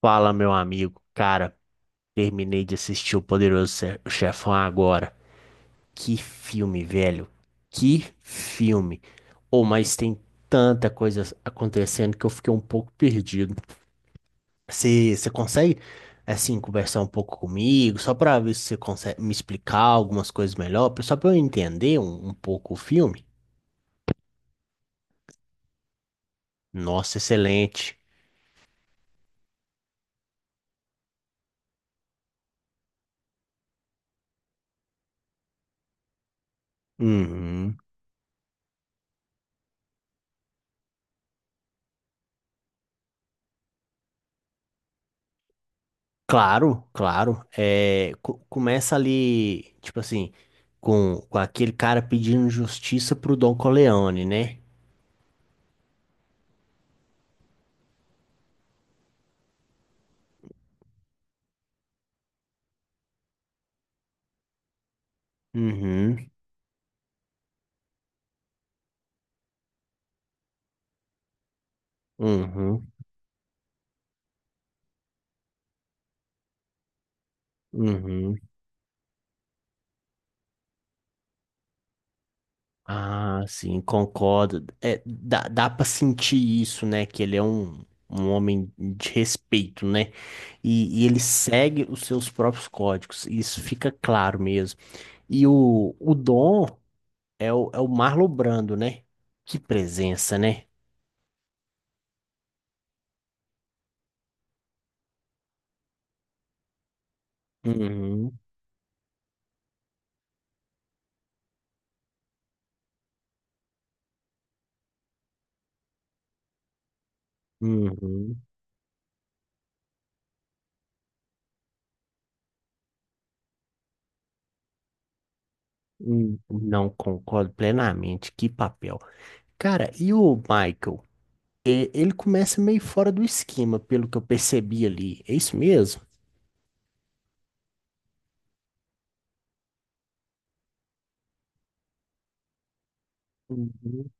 Fala, meu amigo. Cara, terminei de assistir O Poderoso Chefão agora. Que filme, velho. Que filme. Oh, mas tem tanta coisa acontecendo que eu fiquei um pouco perdido. Você consegue, assim, conversar um pouco comigo? Só pra ver se você consegue me explicar algumas coisas melhor, só pra eu entender um pouco o filme? Nossa, excelente. Uhum. Claro, claro. É, começa ali, tipo assim, com aquele cara pedindo justiça pro Don Corleone, né? Uhum, uhum, uhum. Ah, sim, concordo. É, dá pra sentir isso, né? Que ele é um, um homem de respeito, né? E ele segue os seus próprios códigos. Isso fica claro mesmo. E o Dom é é o Marlon Brando, né? Que presença, né? Uhum. Uhum. Não concordo plenamente. Que papel. Cara, e o Michael? Ele começa meio fora do esquema, pelo que eu percebi ali. É isso mesmo? Uhum.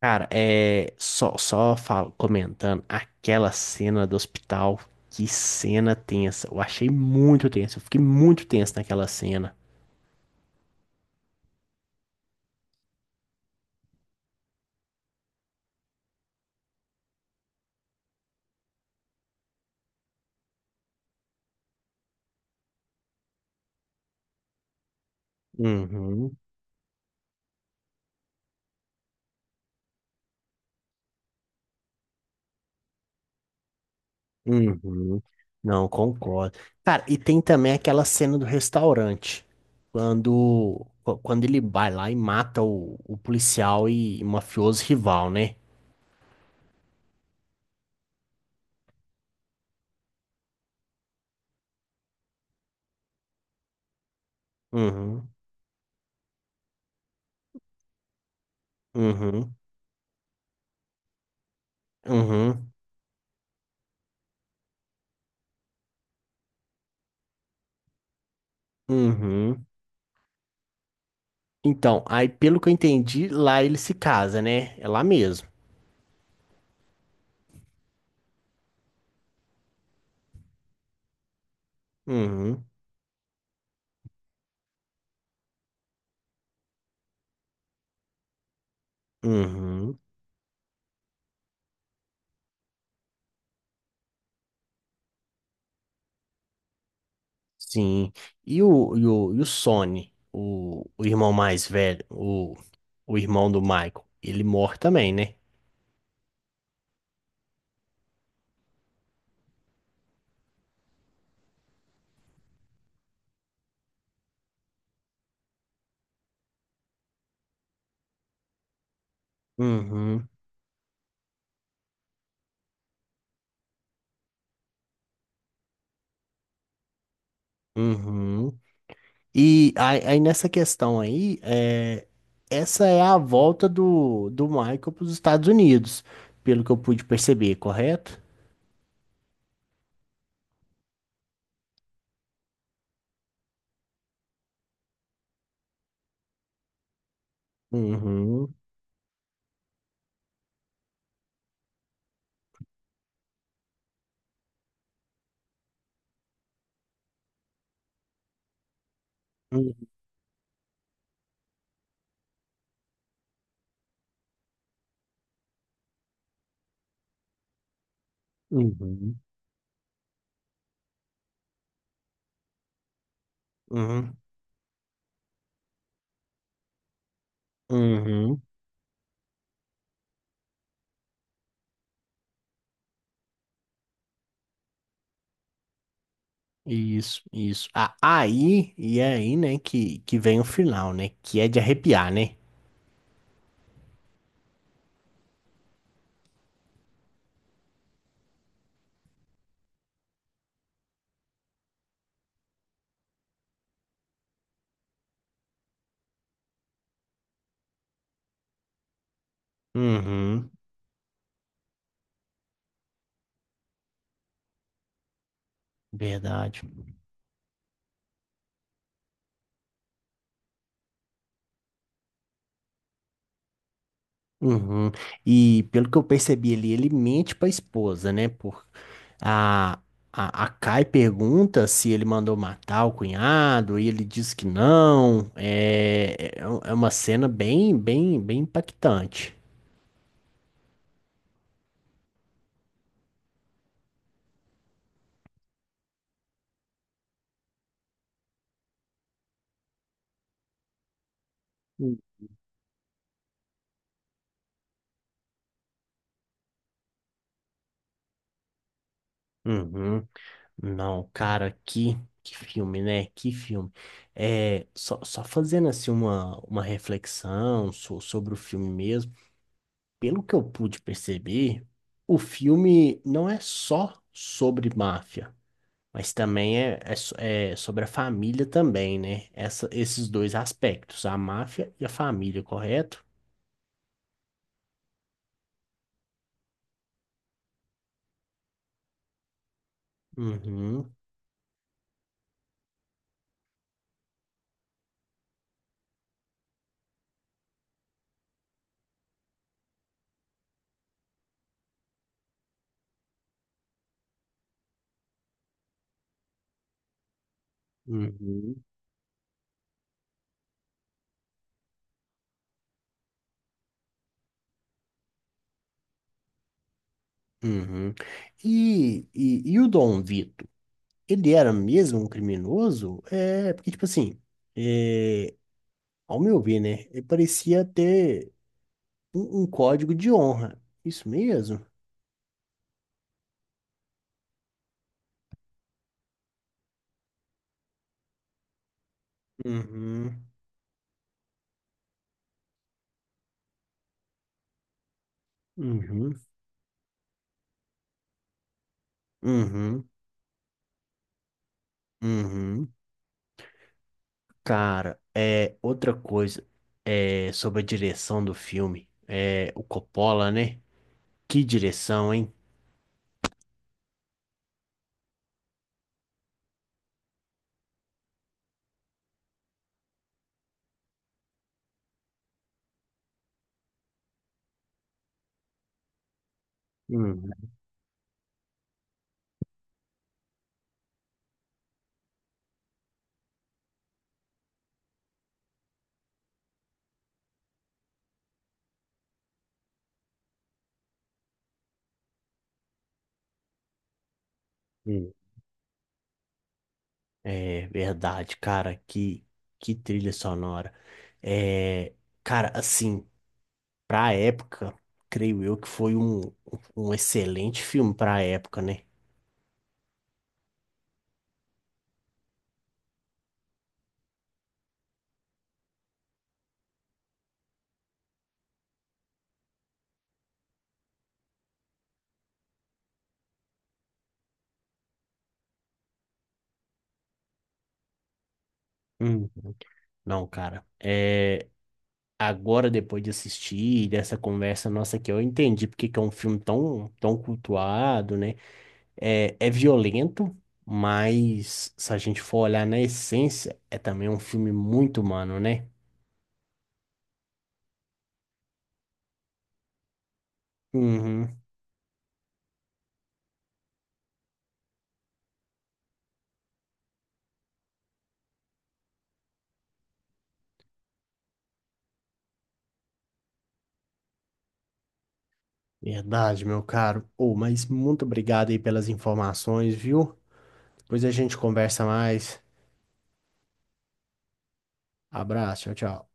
Cara, é comentando aquela cena do hospital. Que cena tensa. Eu achei muito tensa. Eu fiquei muito tenso naquela cena. Uhum. Uhum. Não, concordo. Cara, e tem também aquela cena do restaurante, quando ele vai lá e mata o policial e mafioso rival, né? Uhum, uhum, uhum, uhum. Então, aí pelo que eu entendi, lá ele se casa, né? É lá mesmo. Uhum, uhum, sim. E o Sonny, o irmão mais velho, o irmão do Michael, ele morre também, né? Uhum. Uhum. E aí nessa questão aí, é, essa é a volta do Michael para os Estados Unidos, pelo que eu pude perceber, correto? Uhum. Uhum. Uhum. Uhum. Uhum. Isso, isso. Aí, e é aí, né, que vem o final, né? Que é de arrepiar, né? Uhum. Verdade. Uhum. E pelo que eu percebi ali, ele mente pra esposa, né? Por... A, a Kai pergunta se ele mandou matar o cunhado e ele diz que não. É, é um, é uma cena bem, bem, bem impactante. Hum. Uhum. Não, cara, que filme, né? Que filme. É, só fazendo assim uma reflexão sobre o filme mesmo. Pelo que eu pude perceber, o filme não é só sobre máfia, mas também é, é sobre a família também, né? Esses dois aspectos, a máfia e a família, correto? Uhum, uhum, uhum. E, e o Dom Vito, ele era mesmo um criminoso? É, porque, tipo assim, é, ao meu ver, né? Ele parecia ter um um código de honra. Isso mesmo? Uhum, uhum. Uhum, uhum. Cara, é outra coisa é sobre a direção do filme. É o Coppola, né? Que direção, hein? Uhum. Uhum. É verdade, cara. Que trilha sonora. É, cara, assim, pra época, creio eu que foi um, um excelente filme pra época, né? Uhum. Não, cara. É agora, depois de assistir dessa conversa nossa aqui, eu entendi porque que é um filme tão, tão cultuado, né? É, é violento, mas se a gente for olhar na essência, é também um filme muito humano, né? Uhum, verdade, meu caro. Oh, mas muito obrigado aí pelas informações, viu? Depois a gente conversa mais. Abraço, tchau, tchau.